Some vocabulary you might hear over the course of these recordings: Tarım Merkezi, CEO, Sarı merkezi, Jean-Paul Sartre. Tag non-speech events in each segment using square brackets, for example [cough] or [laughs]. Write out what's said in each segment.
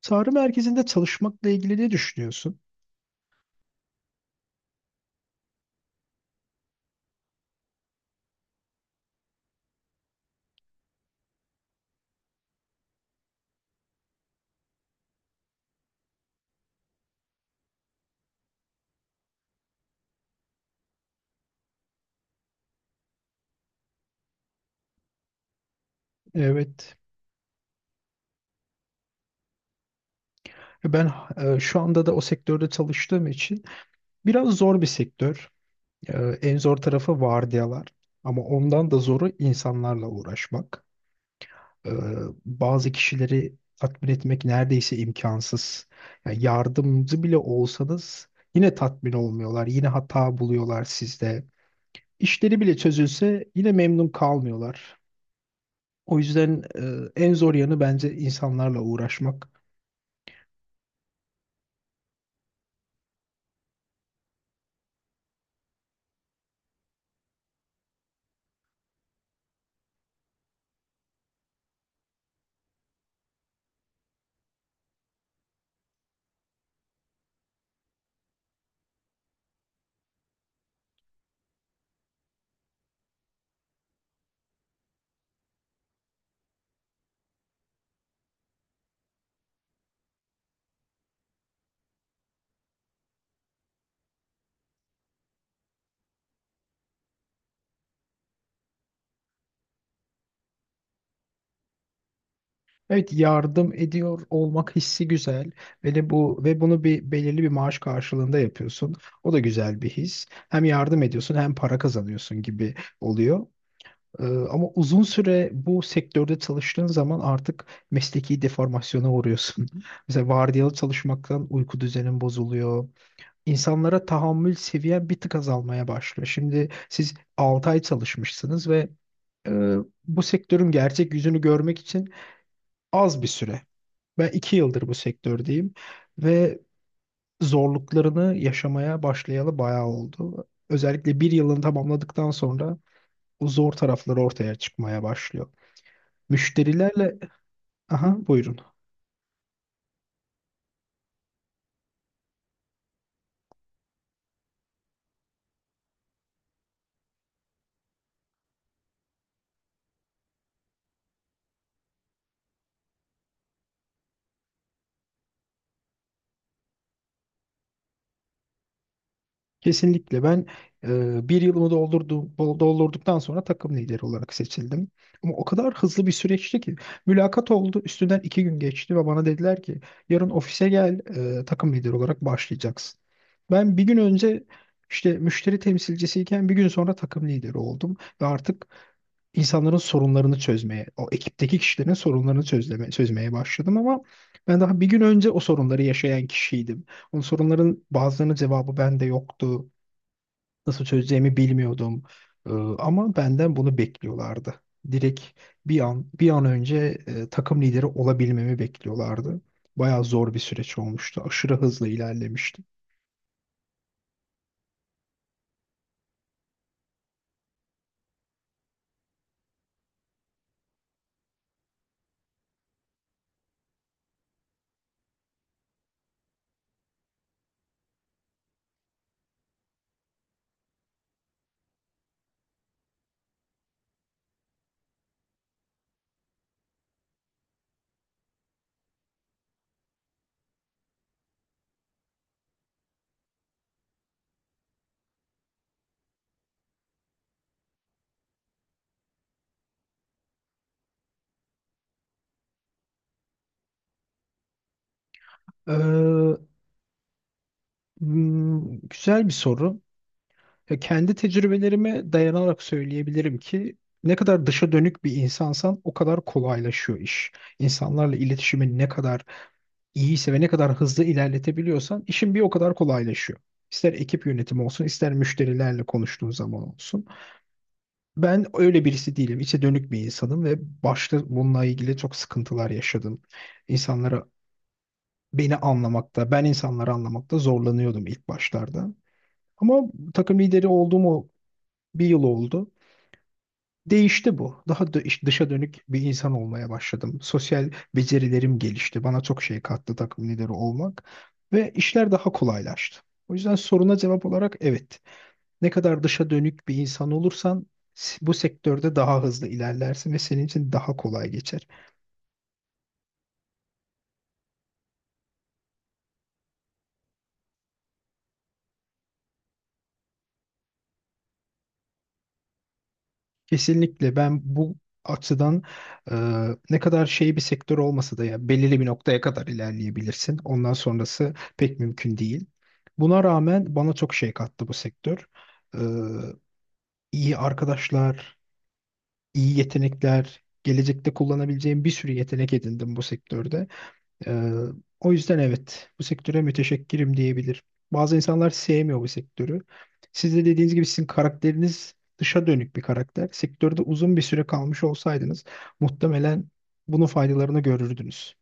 Çağrı merkezinde çalışmakla ilgili ne düşünüyorsun? Evet, ben şu anda da o sektörde çalıştığım için biraz zor bir sektör. E, En zor tarafı vardiyalar. Ama ondan da zoru insanlarla uğraşmak. E, Bazı kişileri tatmin etmek neredeyse imkansız. Yani yardımcı bile olsanız yine tatmin olmuyorlar. Yine hata buluyorlar sizde. İşleri bile çözülse yine memnun kalmıyorlar. O yüzden en zor yanı bence insanlarla uğraşmak. Evet, yardım ediyor olmak hissi güzel ve de bu ve bunu belirli bir maaş karşılığında yapıyorsun. O da güzel bir his. Hem yardım ediyorsun hem para kazanıyorsun gibi oluyor. Ama uzun süre bu sektörde çalıştığın zaman artık mesleki deformasyona uğruyorsun. [laughs] Mesela vardiyalı çalışmaktan uyku düzenin bozuluyor. İnsanlara tahammül seviyen bir tık azalmaya başlıyor. Şimdi siz 6 ay çalışmışsınız ve e, bu sektörün gerçek yüzünü görmek için az bir süre. Ben 2 yıldır bu sektördeyim ve zorluklarını yaşamaya başlayalı bayağı oldu. Özellikle bir yılını tamamladıktan sonra o zor tarafları ortaya çıkmaya başlıyor. Müşterilerle... Aha buyurun. Kesinlikle, ben bir yılımı doldurduktan sonra takım lideri olarak seçildim. Ama o kadar hızlı bir süreçti ki mülakat oldu, üstünden 2 gün geçti ve bana dediler ki yarın ofise gel, takım lideri olarak başlayacaksın. Ben bir gün önce işte müşteri temsilcisiyken bir gün sonra takım lideri oldum ve artık insanların sorunlarını çözmeye, o ekipteki kişilerin sorunlarını çözmeye başladım, ama ben daha bir gün önce o sorunları yaşayan kişiydim. Bu soruların bazılarının cevabı bende yoktu. Nasıl çözeceğimi bilmiyordum. Ee, Ama benden bunu bekliyorlardı. Direkt bir an önce takım lideri olabilmemi bekliyorlardı. Bayağı zor bir süreç olmuştu. Aşırı hızlı ilerlemiştim. Ee, Güzel bir soru. Ya kendi tecrübelerime dayanarak söyleyebilirim ki ne kadar dışa dönük bir insansan o kadar kolaylaşıyor iş. İnsanlarla iletişimin ne kadar iyiyse ve ne kadar hızlı ilerletebiliyorsan işin bir o kadar kolaylaşıyor. İster ekip yönetimi olsun, ister müşterilerle konuştuğun zaman olsun. Ben öyle birisi değilim. İçe dönük bir insanım ve başta bununla ilgili çok sıkıntılar yaşadım. İnsanlara beni anlamakta, ben insanları anlamakta zorlanıyordum ilk başlarda. Ama takım lideri olduğum o bir yıl oldu. Değişti bu. Daha dışa dönük bir insan olmaya başladım. Sosyal becerilerim gelişti. Bana çok şey kattı takım lideri olmak ve işler daha kolaylaştı. O yüzden soruna cevap olarak evet. Ne kadar dışa dönük bir insan olursan bu sektörde daha hızlı ilerlersin ve senin için daha kolay geçer. Kesinlikle, ben bu açıdan e, ne kadar şey bir sektör olmasa da ya belirli bir noktaya kadar ilerleyebilirsin. Ondan sonrası pek mümkün değil. Buna rağmen bana çok şey kattı bu sektör. E, iyi arkadaşlar, iyi yetenekler, gelecekte kullanabileceğim bir sürü yetenek edindim bu sektörde. Ee, O yüzden evet, bu sektöre müteşekkirim diyebilirim. Bazı insanlar sevmiyor bu sektörü. Siz de dediğiniz gibi sizin karakteriniz dışa dönük bir karakter. Sektörde uzun bir süre kalmış olsaydınız muhtemelen bunun faydalarını görürdünüz.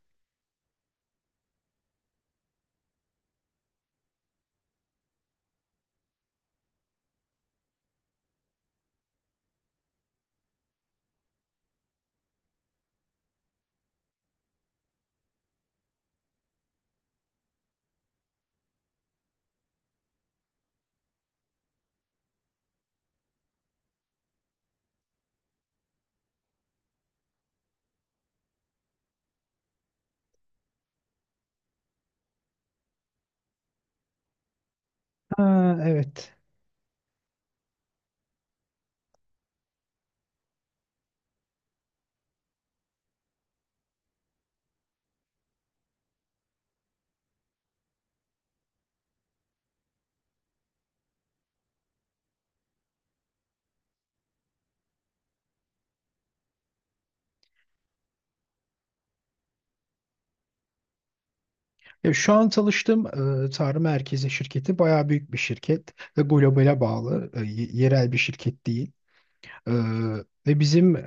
Ha, evet. Ya şu an çalıştığım Tarım Merkezi şirketi bayağı büyük bir şirket ve globale bağlı, yerel bir şirket değil. Ee, Ve bizim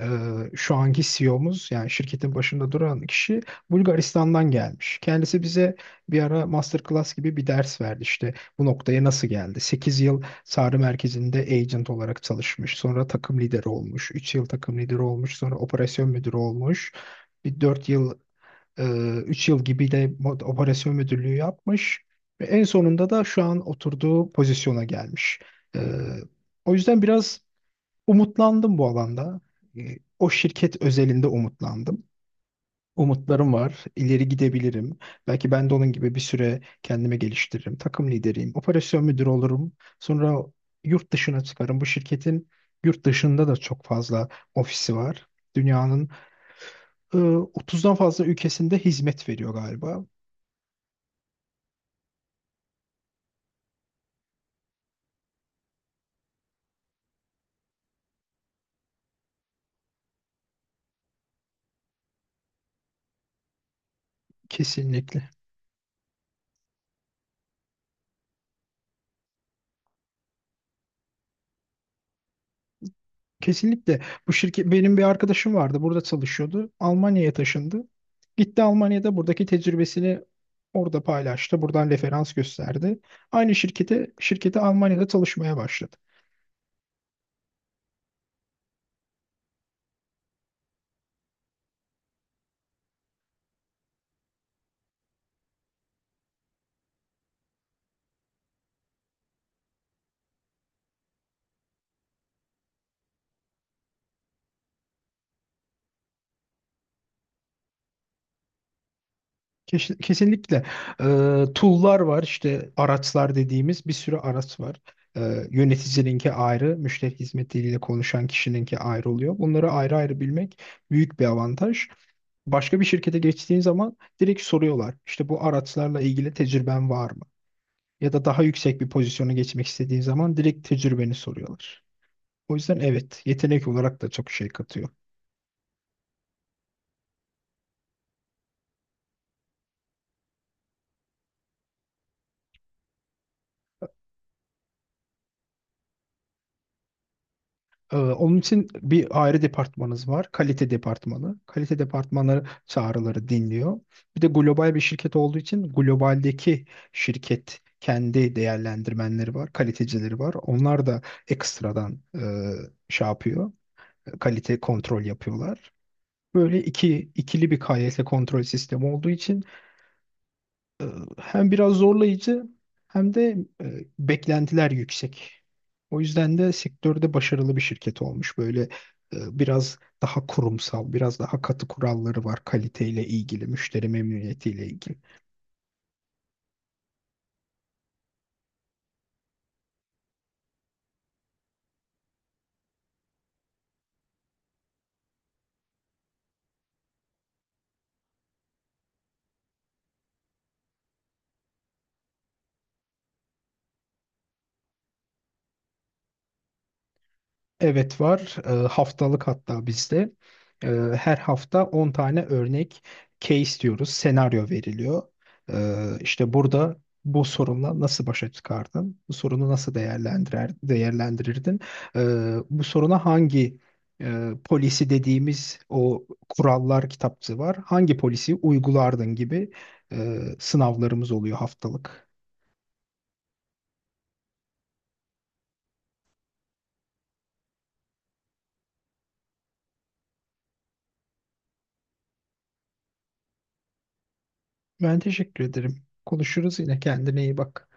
şu anki CEO'muz, yani şirketin başında duran kişi Bulgaristan'dan gelmiş. Kendisi bize bir ara masterclass gibi bir ders verdi, işte bu noktaya nasıl geldi. 8 yıl Sarı merkezinde agent olarak çalışmış. Sonra takım lideri olmuş. 3 yıl takım lideri olmuş. Sonra operasyon müdürü olmuş. Bir 4 yıl, e, 3 yıl gibi de operasyon müdürlüğü yapmış. Ve en sonunda da şu an oturduğu pozisyona gelmiş. Ee, O yüzden biraz umutlandım bu alanda. E, O şirket özelinde umutlandım. Umutlarım var. İleri gidebilirim. Belki ben de onun gibi bir süre kendimi geliştiririm. Takım lideriyim. Operasyon müdürü olurum. Sonra yurt dışına çıkarım. Bu şirketin yurt dışında da çok fazla ofisi var. Dünyanın e, 30'dan fazla ülkesinde hizmet veriyor galiba. Kesinlikle. Kesinlikle. Bu şirket, benim bir arkadaşım vardı. Burada çalışıyordu. Almanya'ya taşındı. Gitti Almanya'da buradaki tecrübesini orada paylaştı. Buradan referans gösterdi. Aynı şirkete Almanya'da çalışmaya başladı. Kesinlikle. e, Tool'lar var, işte araçlar dediğimiz bir sürü araç var. E, Yöneticininki ayrı, müşteri hizmetiyle konuşan kişininki ayrı oluyor. Bunları ayrı ayrı bilmek büyük bir avantaj. Başka bir şirkete geçtiğin zaman direkt soruyorlar. İşte bu araçlarla ilgili tecrüben var mı? Ya da daha yüksek bir pozisyona geçmek istediğin zaman direkt tecrübeni soruyorlar. O yüzden evet, yetenek olarak da çok şey katıyor. Onun için bir ayrı departmanınız var. Kalite departmanı. Kalite departmanları çağrıları dinliyor. Bir de global bir şirket olduğu için globaldeki şirket kendi değerlendirmenleri var, kalitecileri var. Onlar da ekstradan şey yapıyor, kalite kontrol yapıyorlar. Böyle ikili bir KYS kontrol sistemi olduğu için e, hem biraz zorlayıcı hem de beklentiler yüksek. O yüzden de sektörde başarılı bir şirket olmuş. Böyle biraz daha kurumsal, biraz daha katı kuralları var kaliteyle ilgili, müşteri memnuniyetiyle ilgili. Evet, var. Haftalık hatta bizde. Ee, Her hafta 10 tane örnek case diyoruz. Senaryo veriliyor. İşte burada bu sorunla nasıl başa çıkardın? Bu sorunu nasıl değerlendirirdin? Bu soruna hangi polisi dediğimiz o kurallar kitapçığı var. Hangi polisi uygulardın gibi sınavlarımız oluyor haftalık. Ben teşekkür ederim. Konuşuruz yine. Kendine iyi bak.